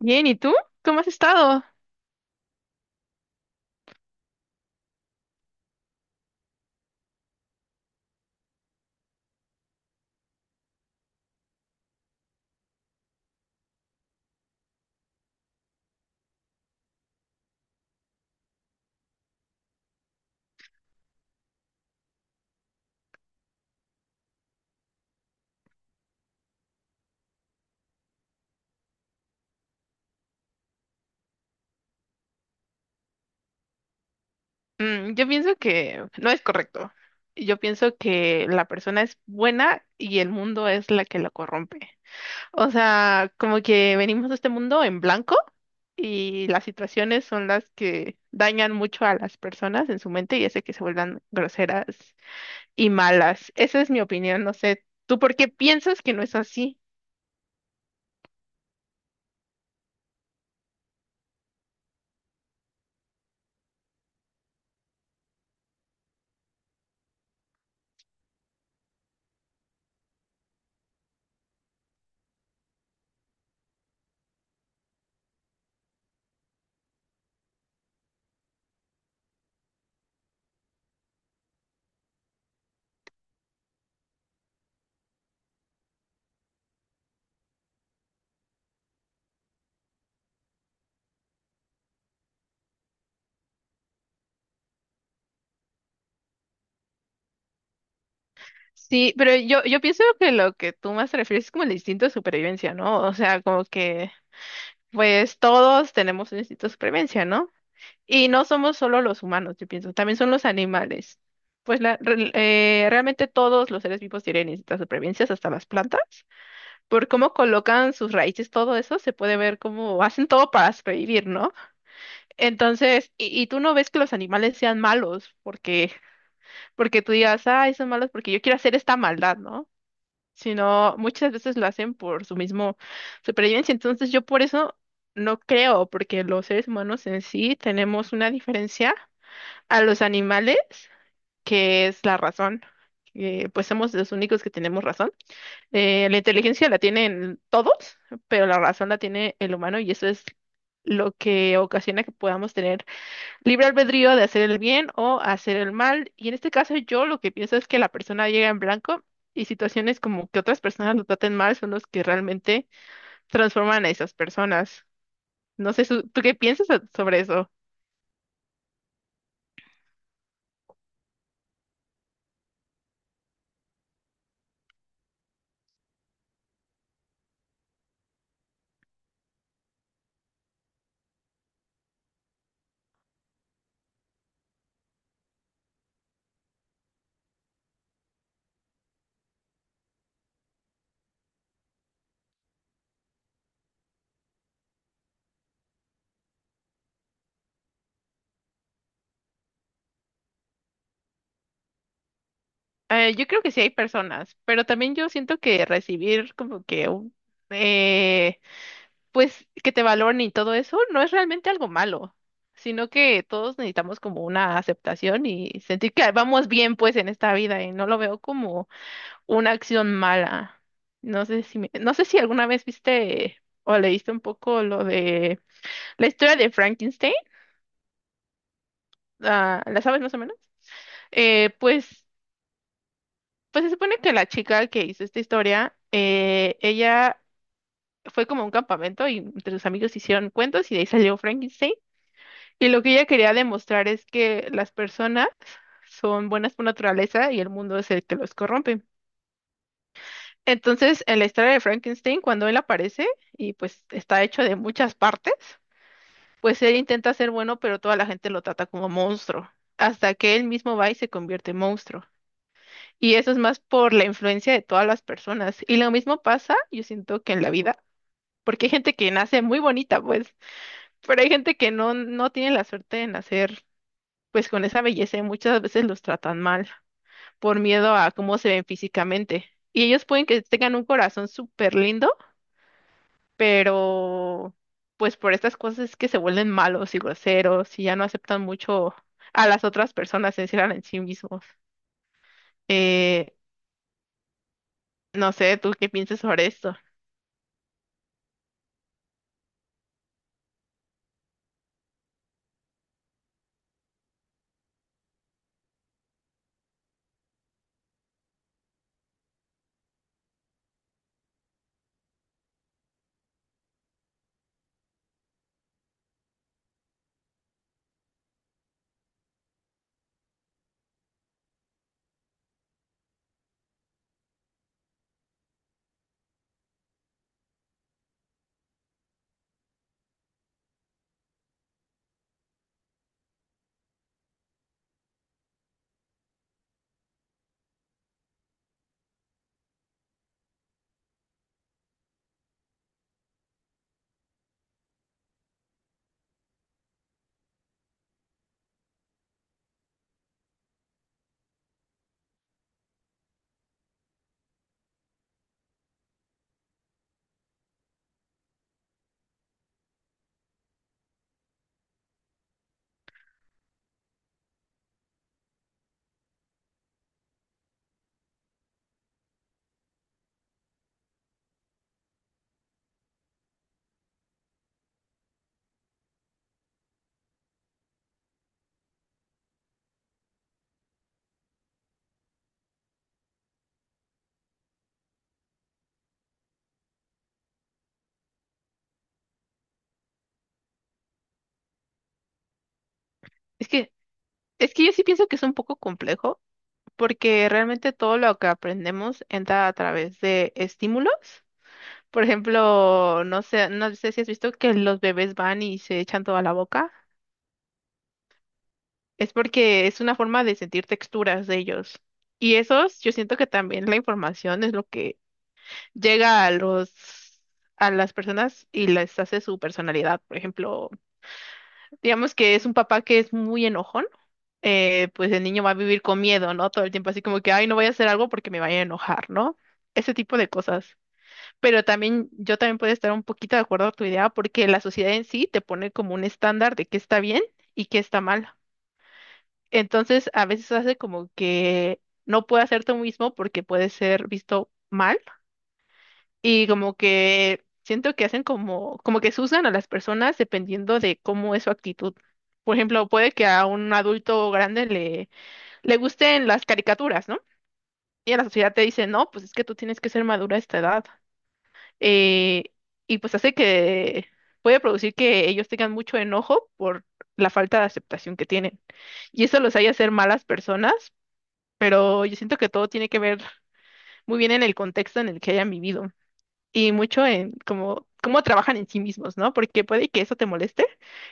Bien, ¿y tú? ¿Cómo has estado? Yo pienso que no es correcto. Yo pienso que la persona es buena y el mundo es la que la corrompe. O sea, como que venimos de este mundo en blanco y las situaciones son las que dañan mucho a las personas en su mente y hace que se vuelvan groseras y malas. Esa es mi opinión, no sé. ¿Tú por qué piensas que no es así? Sí, pero yo pienso que lo que tú más te refieres es como el instinto de supervivencia, ¿no? O sea, como que. Pues todos tenemos un instinto de supervivencia, ¿no? Y no somos solo los humanos, yo pienso, también son los animales. Pues realmente todos los seres vivos tienen instintos de supervivencia, hasta las plantas. Por cómo colocan sus raíces, todo eso, se puede ver cómo hacen todo para sobrevivir, ¿no? Entonces, y tú no ves que los animales sean malos, porque tú digas, ay, son malos porque yo quiero hacer esta maldad, ¿no? Sino muchas veces lo hacen por su mismo supervivencia. Entonces yo por eso no creo, porque los seres humanos en sí tenemos una diferencia a los animales, que es la razón. Que, pues somos los únicos que tenemos razón. La inteligencia la tienen todos, pero la razón la tiene el humano y eso es lo que ocasiona que podamos tener libre albedrío de hacer el bien o hacer el mal. Y en este caso yo lo que pienso es que la persona llega en blanco y situaciones como que otras personas lo traten mal son los que realmente transforman a esas personas. No sé, ¿tú qué piensas sobre eso? Yo creo que sí hay personas, pero también yo siento que recibir como que un, eh, pues que te valoren y todo eso no es realmente algo malo, sino que todos necesitamos como una aceptación y sentir que vamos bien pues en esta vida y no lo veo como una acción mala. No sé si alguna vez viste o leíste un poco lo de la historia de Frankenstein. Ah, ¿la sabes más o menos? Eh, pues, pues se supone que la chica que hizo esta historia, ella fue como a un campamento y entre sus amigos hicieron cuentos y de ahí salió Frankenstein. Y lo que ella quería demostrar es que las personas son buenas por naturaleza y el mundo es el que los corrompe. Entonces, en la historia de Frankenstein, cuando él aparece y pues está hecho de muchas partes, pues él intenta ser bueno, pero toda la gente lo trata como monstruo, hasta que él mismo va y se convierte en monstruo. Y eso es más por la influencia de todas las personas. Y lo mismo pasa, yo siento que en la vida, porque hay gente que nace muy bonita, pues, pero hay gente que no, no tiene la suerte de nacer, pues, con esa belleza y muchas veces los tratan mal por miedo a cómo se ven físicamente. Y ellos pueden que tengan un corazón súper lindo, pero pues por estas cosas es que se vuelven malos y groseros y ya no aceptan mucho a las otras personas, se encierran en sí mismos. Eh, no sé, ¿tú qué piensas sobre esto? Es que, es que yo sí pienso que es un poco complejo porque realmente todo lo que aprendemos entra a través de estímulos. Por ejemplo, no sé si has visto que los bebés van y se echan toda la boca. Es porque es una forma de sentir texturas de ellos. Y esos, yo siento que también la información es lo que llega a las personas y les hace su personalidad. Por ejemplo, digamos que es un papá que es muy enojón, pues el niño va a vivir con miedo, ¿no? Todo el tiempo así como que, ay, no voy a hacer algo porque me vaya a enojar, ¿no? Ese tipo de cosas. Pero también yo también puedo estar un poquito de acuerdo a tu idea porque la sociedad en sí te pone como un estándar de qué está bien y qué está mal. Entonces, a veces hace como que no puedes hacer tú mismo porque puede ser visto mal. Y como que siento que hacen como que juzgan a las personas dependiendo de cómo es su actitud. Por ejemplo, puede que a un adulto grande le gusten las caricaturas, ¿no? Y a la sociedad te dice, no, pues es que tú tienes que ser madura a esta edad. Eh, y pues hace que puede producir que ellos tengan mucho enojo por la falta de aceptación que tienen. Y eso los hace hacer malas personas, pero yo siento que todo tiene que ver muy bien en el contexto en el que hayan vivido y mucho en cómo trabajan en sí mismos, ¿no? Porque puede que eso te moleste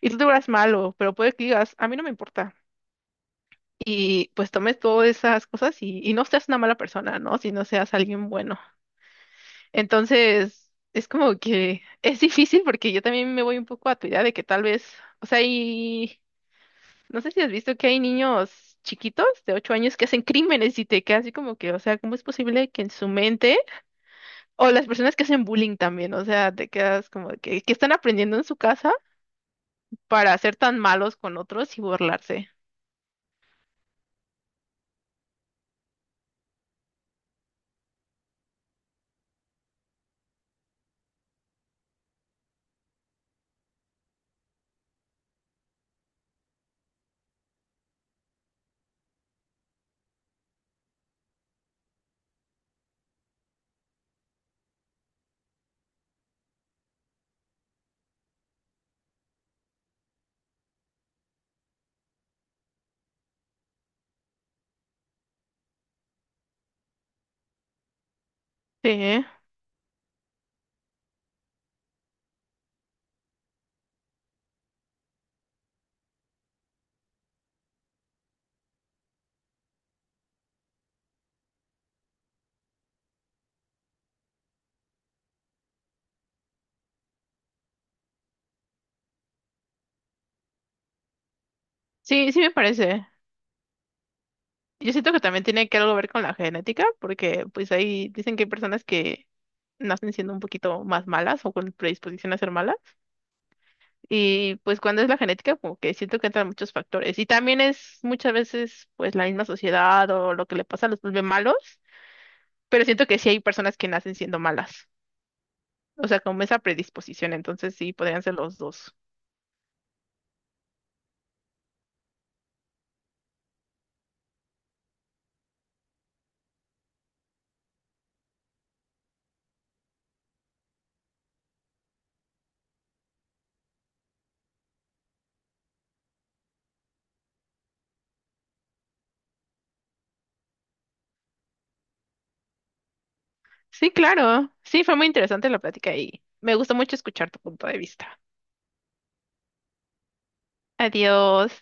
y tú te veas malo, pero puede que digas, a mí no me importa. Y pues tomes todas esas cosas y, no seas una mala persona, ¿no? Si no seas alguien bueno. Entonces, es como que es difícil porque yo también me voy un poco a tu idea de que tal vez, o sea, y no sé si has visto que hay niños chiquitos de 8 años que hacen crímenes y te quedas así como que, o sea, ¿cómo es posible que en su mente? O las personas que hacen bullying también, o sea, te quedas como de que están aprendiendo en su casa para ser tan malos con otros y burlarse. Sí, sí, sí me parece. Yo siento que también tiene que algo ver con la genética, porque pues ahí dicen que hay personas que nacen siendo un poquito más malas o con predisposición a ser malas. Y pues cuando es la genética, como que siento que entran muchos factores. Y también es muchas veces pues la misma sociedad o lo que le pasa los vuelve malos, pero siento que sí hay personas que nacen siendo malas. O sea, como esa predisposición, entonces sí, podrían ser los dos. Sí, claro, sí, fue muy interesante la plática y me gustó mucho escuchar tu punto de vista. Adiós.